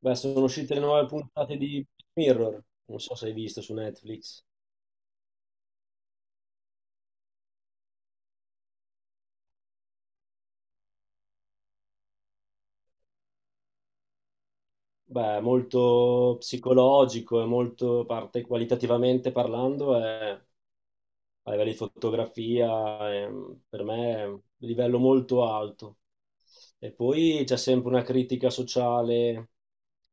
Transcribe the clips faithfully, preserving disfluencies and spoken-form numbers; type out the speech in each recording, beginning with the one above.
Beh, sono uscite le nuove puntate di Mirror, non so se hai visto su Netflix. Beh, è molto psicologico e molto parte qualitativamente parlando, è, a livello di fotografia, è- per me è un livello molto alto. E poi c'è sempre una critica sociale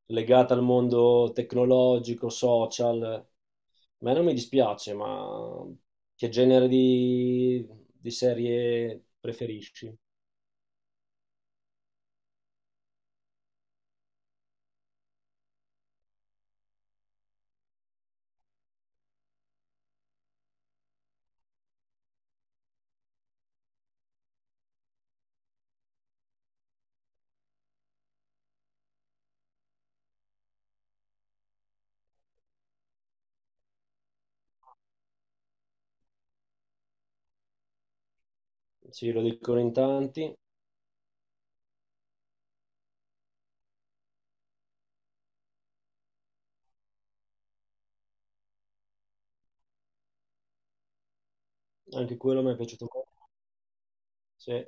legata al mondo tecnologico, social. A me non mi dispiace, ma che genere di di serie preferisci? Sì, lo dicono in tanti, anche quello mi è piaciuto molto. Sì. A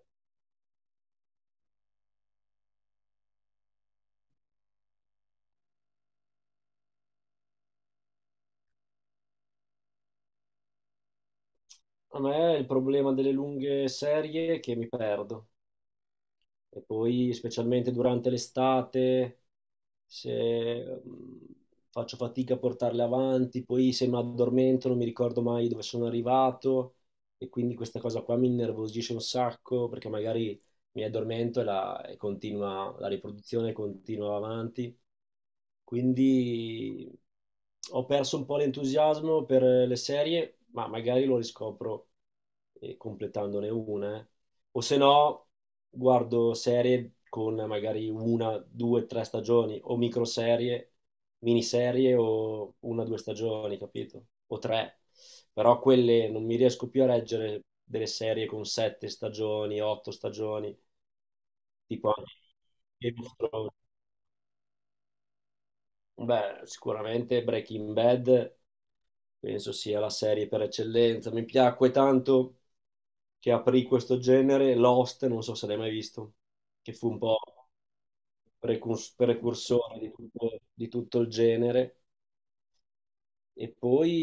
me è il problema delle lunghe serie che mi perdo, e poi specialmente durante l'estate se mh, faccio fatica a portarle avanti, poi se mi addormento non mi ricordo mai dove sono arrivato, e quindi questa cosa qua mi innervosisce un sacco perché magari mi addormento e, la, e continua, la riproduzione continua avanti. Quindi ho perso un po' l'entusiasmo per le serie, ma magari lo riscopro eh, completandone una, eh o se no guardo serie con magari una, due, tre stagioni, o microserie, miniserie, o una, due stagioni, capito? O tre. Però quelle non mi riesco più a reggere, delle serie con sette stagioni, otto stagioni, tipo anche Game of Thrones. Beh, sicuramente Breaking Bad penso sia la serie per eccellenza. Mi piacque tanto, che aprì questo genere. Lost, non so se l'hai mai visto, che fu un po' precurs- precursore di tutto, di tutto il genere. E poi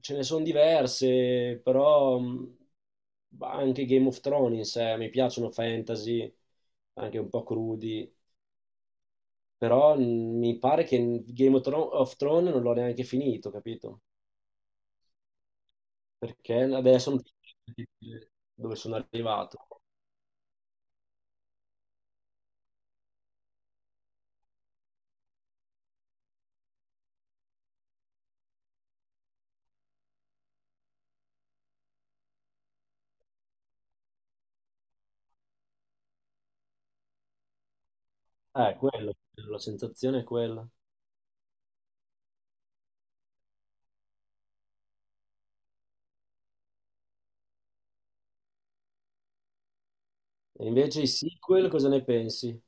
ce ne sono diverse, però mh, anche Game of Thrones in sé, mi piacciono fantasy, anche un po' crudi, però mh, mi pare che Game of Thro- of Thrones non l'ho neanche finito, capito? Perché adesso non ti- dove sono arrivato. Eh, quello, la sensazione è quella. E invece i sequel cosa ne pensi?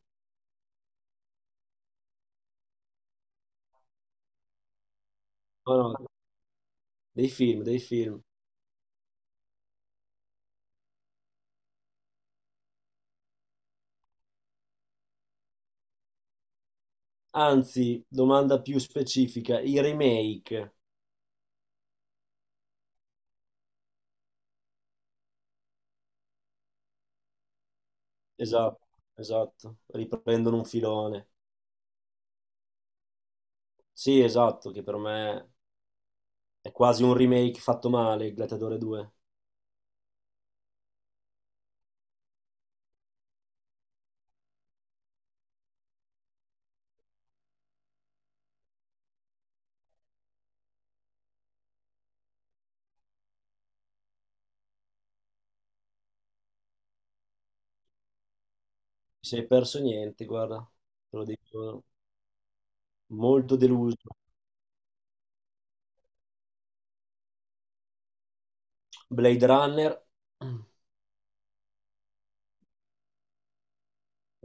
No, no, dei film, dei film. Anzi, domanda più specifica, i remake. Esatto, esatto, riprendono un filone. Sì, esatto, che per me è quasi un remake fatto male, il Gladiatore due. Non ci sei perso niente, guarda, te lo dico, molto deluso. Blade Runner.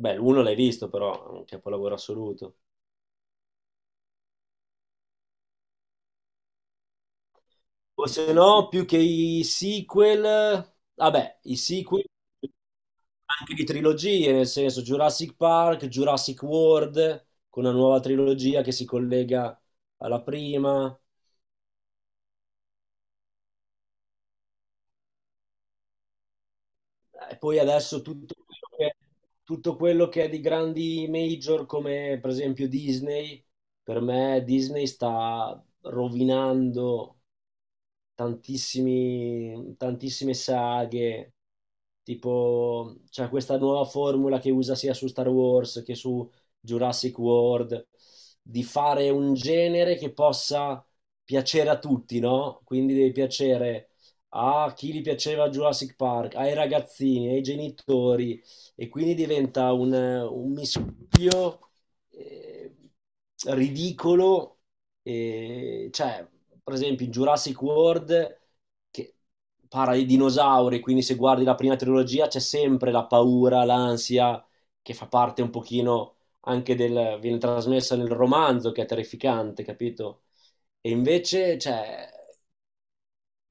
Beh, l'uno l'hai visto però, è un capolavoro assoluto. O se no, più che i sequel, vabbè, i sequel anche di trilogie, nel senso Jurassic Park, Jurassic World, con una nuova trilogia che si collega alla prima. Eh, e poi adesso tutto quello che, tutto quello che, è di grandi major, come per esempio Disney. Per me Disney sta rovinando tantissimi, tantissime saghe, tipo c'è questa nuova formula che usa sia su Star Wars che su Jurassic World, di fare un genere che possa piacere a tutti, no? Quindi deve piacere a chi gli piaceva Jurassic Park, ai ragazzini, ai genitori, e quindi diventa un, un mischio eh, ridicolo, e, cioè, per esempio, in Jurassic World, che parla di dinosauri, quindi se guardi la prima trilogia c'è sempre la paura, l'ansia, che fa parte un pochino anche del... viene trasmessa nel romanzo, che è terrificante, capito? E invece, cioè,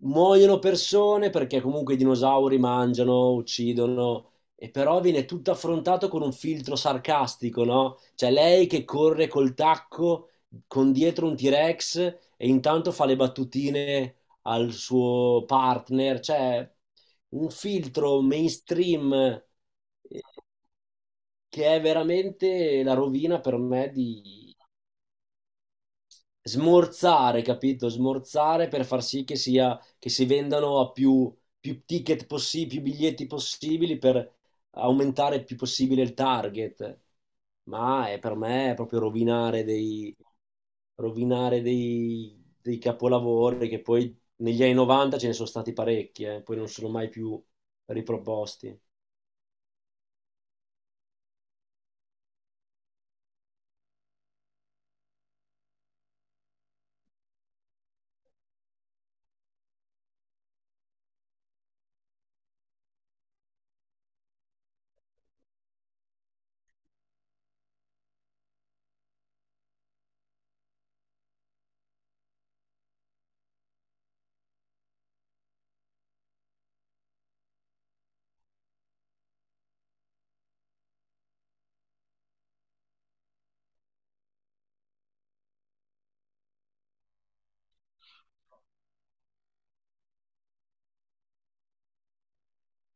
muoiono persone perché comunque i dinosauri mangiano, uccidono, e però viene tutto affrontato con un filtro sarcastico, no? Cioè lei che corre col tacco, con dietro un T-Rex, e intanto fa le battutine al suo partner, cioè un filtro mainstream, eh, che è veramente la rovina, per me, di smorzare, capito? Smorzare per far sì che sia, che si vendano a più, più ticket possibili, più biglietti possibili, per aumentare il più possibile il target. Ma è, per me è proprio rovinare dei, rovinare dei, dei capolavori, che poi negli anni novanta ce ne sono stati parecchi, eh, poi non sono mai più riproposti.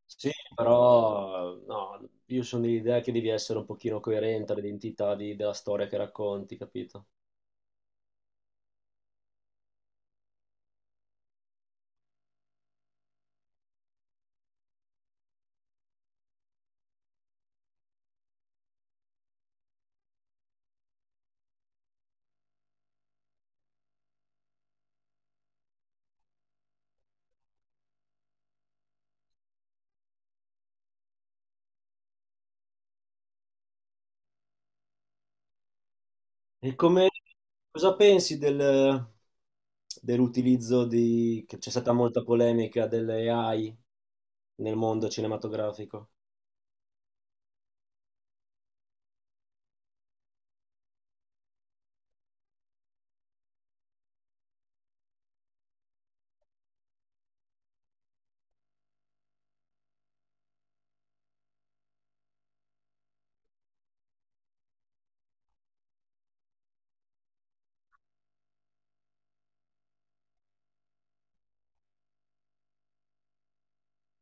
Sì, però no, io sono dell'idea che devi essere un pochino coerente all'identità di- della storia che racconti, capito? E come, cosa pensi del- dell'utilizzo di, che c'è stata molta polemica delle A I nel mondo cinematografico?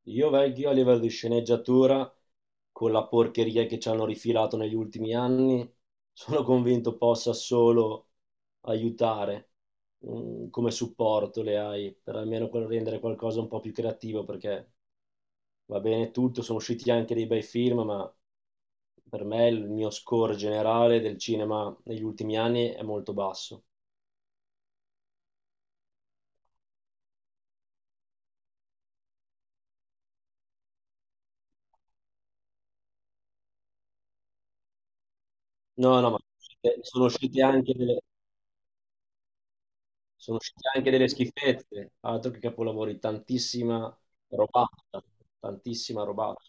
Io vecchio a livello di sceneggiatura, con la porcheria che ci hanno rifilato negli ultimi anni, sono convinto possa solo aiutare, mm, come supporto, le A I, per almeno quel- rendere qualcosa un po' più creativo, perché va bene tutto, sono usciti anche dei bei film, ma per me il mio score generale del cinema negli ultimi anni è molto basso. No, no, ma sono uscite anche delle, sono uscite anche delle schifezze, altro che capolavori, tantissima robata, tantissima robata.